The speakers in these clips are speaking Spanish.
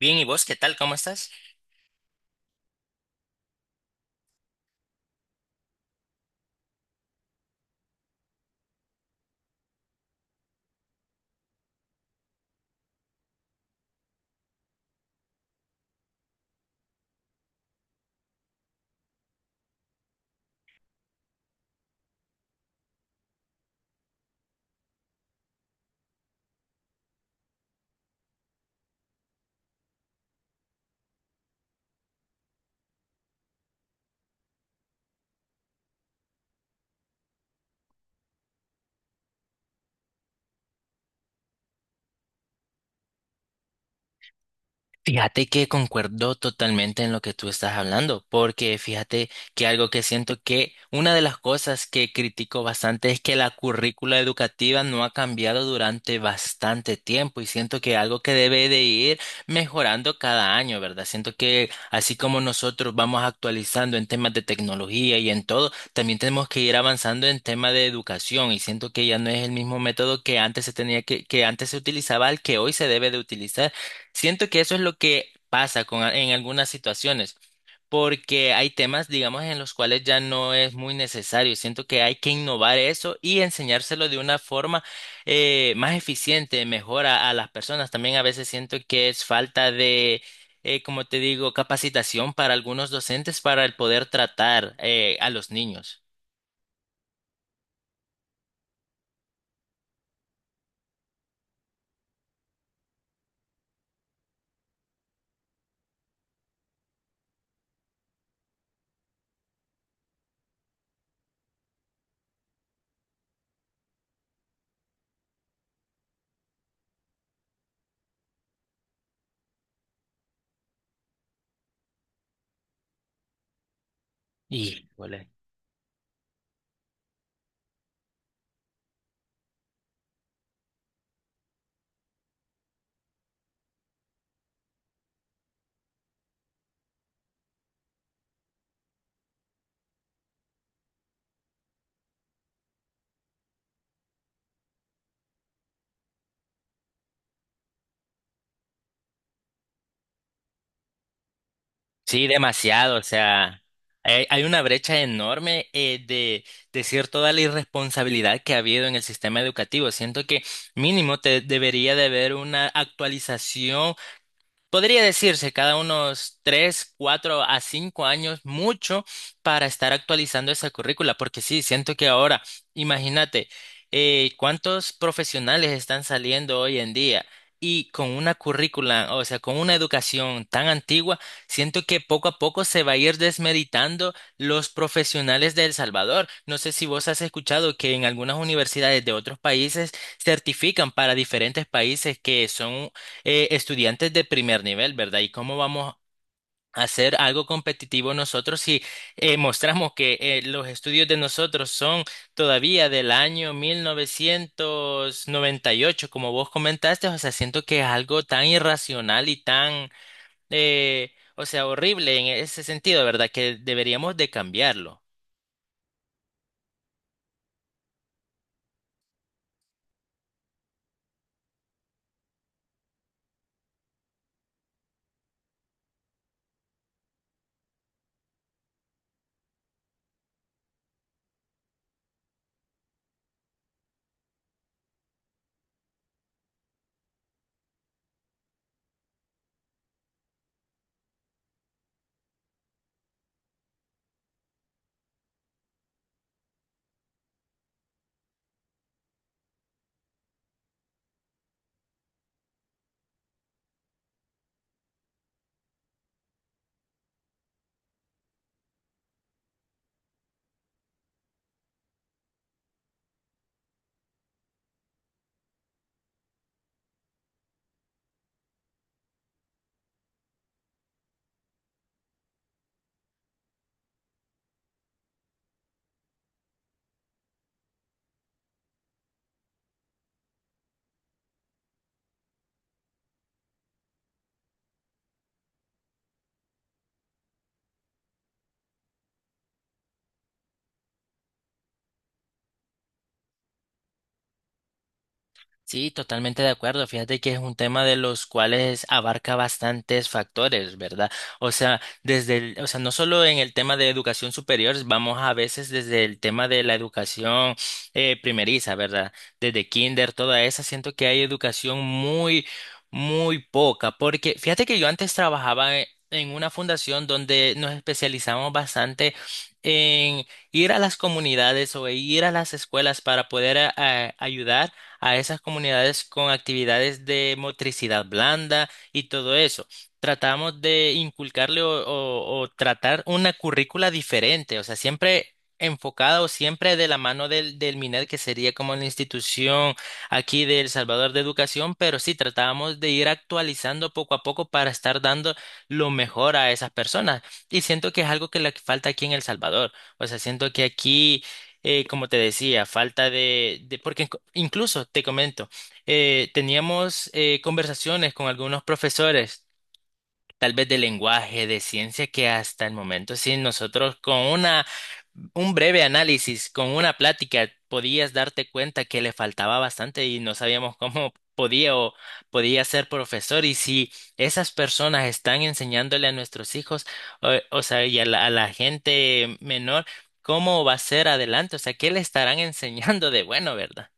Bien, ¿y vos qué tal? ¿Cómo estás? Fíjate que concuerdo totalmente en lo que tú estás hablando, porque fíjate que algo que siento que una de las cosas que critico bastante es que la currícula educativa no ha cambiado durante bastante tiempo y siento que algo que debe de ir mejorando cada año, ¿verdad? Siento que así como nosotros vamos actualizando en temas de tecnología y en todo, también tenemos que ir avanzando en temas de educación y siento que ya no es el mismo método que antes se tenía que antes se utilizaba al que hoy se debe de utilizar. Siento que eso es lo que pasa con, a- en algunas situaciones, porque hay temas, digamos, en los cuales ya no es muy necesario. Siento que hay que innovar eso y enseñárselo de una forma más eficiente, mejor a las personas. También a veces siento que es falta de, como te digo, capacitación para algunos docentes para el poder tratar a los niños. Híjole. Sí, demasiado, o sea, hay una brecha enorme de decir toda la irresponsabilidad que ha habido en el sistema educativo. Siento que mínimo te debería de haber una actualización. Podría decirse cada unos tres, cuatro a cinco años, mucho para estar actualizando esa currícula, porque sí, siento que ahora, imagínate, cuántos profesionales están saliendo hoy en día y con una currícula, o sea, con una educación tan antigua, siento que poco a poco se va a ir desmeritando los profesionales de El Salvador. No sé si vos has escuchado que en algunas universidades de otros países certifican para diferentes países que son estudiantes de primer nivel, ¿verdad? ¿Y cómo vamos a hacer algo competitivo nosotros si mostramos que los estudios de nosotros son todavía del año 1998, como vos comentaste? O sea, siento que es algo tan irracional y tan, o sea, horrible en ese sentido, ¿verdad? Que deberíamos de cambiarlo. Sí, totalmente de acuerdo. Fíjate que es un tema de los cuales abarca bastantes factores, ¿verdad? O sea, desde el- o sea, no solo en el tema de educación superior, vamos a veces desde el tema de la educación primeriza, ¿verdad? Desde kinder, toda esa, siento que hay educación muy, muy poca, porque fíjate que yo antes trabajaba e- en una fundación donde nos especializamos bastante en ir a las comunidades o ir a las escuelas para poder ayudar a esas comunidades con actividades de motricidad blanda y todo eso. Tratamos de inculcarle o tratar una currícula diferente, o sea, siempre enfocada o siempre de la mano del MINED, que sería como la institución aquí de El Salvador de Educación, pero sí tratábamos de ir actualizando poco a poco para estar dando lo mejor a esas personas. Y siento que es algo que le falta aquí en El Salvador. O sea, siento que aquí como te decía, falta de- porque inc- incluso te comento, teníamos conversaciones con algunos profesores tal vez de lenguaje, de ciencia, que hasta el momento, sí, nosotros con una, un breve análisis, con una plática, podías darte cuenta que le faltaba bastante y no sabíamos cómo podía o podía ser profesor. Y si esas personas están enseñándole a nuestros hijos, o sea, y a la gente menor, ¿cómo va a ser adelante? O sea, ¿qué le estarán enseñando de bueno, verdad?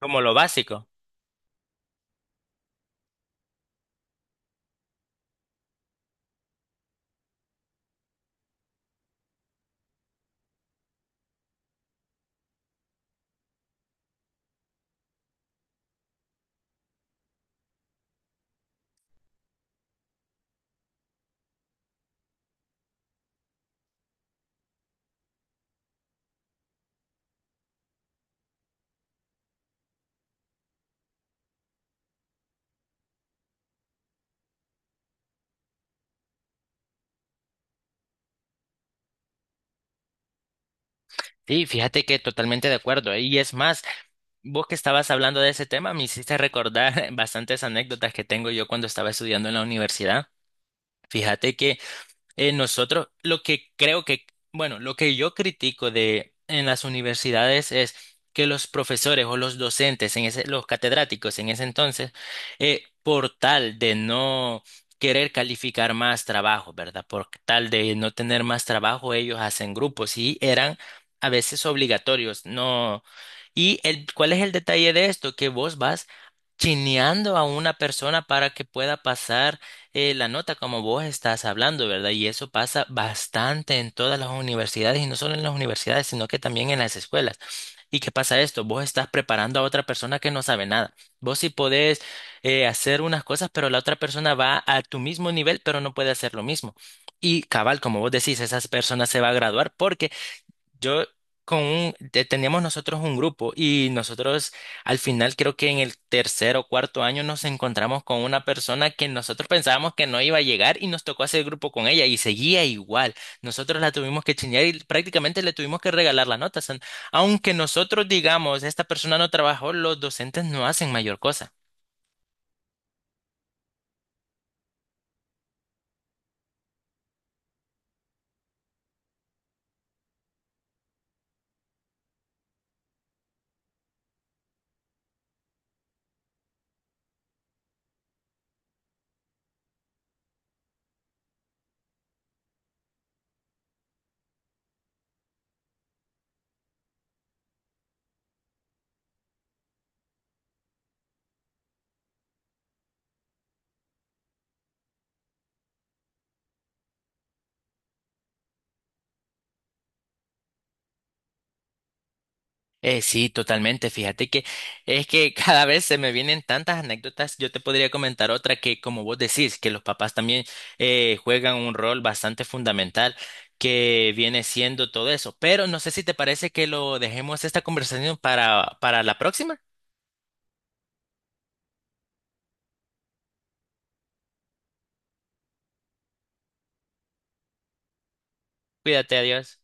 Como lo básico. Sí, fíjate que totalmente de acuerdo. ¿Eh? Y es más, vos que estabas hablando de ese tema, me hiciste recordar bastantes anécdotas que tengo yo cuando estaba estudiando en la universidad. Fíjate que nosotros, lo que creo que, bueno, lo que yo critico de en las universidades es que los profesores o los docentes, en ese, los catedráticos en ese entonces, por tal de no querer calificar más trabajo, ¿verdad? Por tal de no tener más trabajo, ellos hacen grupos y eran a veces obligatorios, no. ¿Y el, cuál es el detalle de esto? Que vos vas chineando a una persona para que pueda pasar la nota como vos estás hablando, ¿verdad? Y eso pasa bastante en todas las universidades y no solo en las universidades, sino que también en las escuelas. ¿Y qué pasa esto? Vos estás preparando a otra persona que no sabe nada. Vos sí podés hacer unas cosas, pero la otra persona va a tu mismo nivel, pero no puede hacer lo mismo. Y cabal, como vos decís, esa persona se va a graduar porque yo con un, te- teníamos nosotros un grupo y nosotros al final creo que en el tercer o cuarto año nos encontramos con una persona que nosotros pensábamos que no iba a llegar y nos tocó hacer grupo con ella y seguía igual. Nosotros la tuvimos que chinear y prácticamente le tuvimos que regalar las notas. Aunque nosotros digamos, esta persona no trabajó, los docentes no hacen mayor cosa. Sí, totalmente. Fíjate que es que cada vez se me vienen tantas anécdotas. Yo te podría comentar otra que, como vos decís, que los papás también juegan un rol bastante fundamental que viene siendo todo eso. Pero no sé si te parece que lo dejemos esta conversación para la próxima. Cuídate, adiós.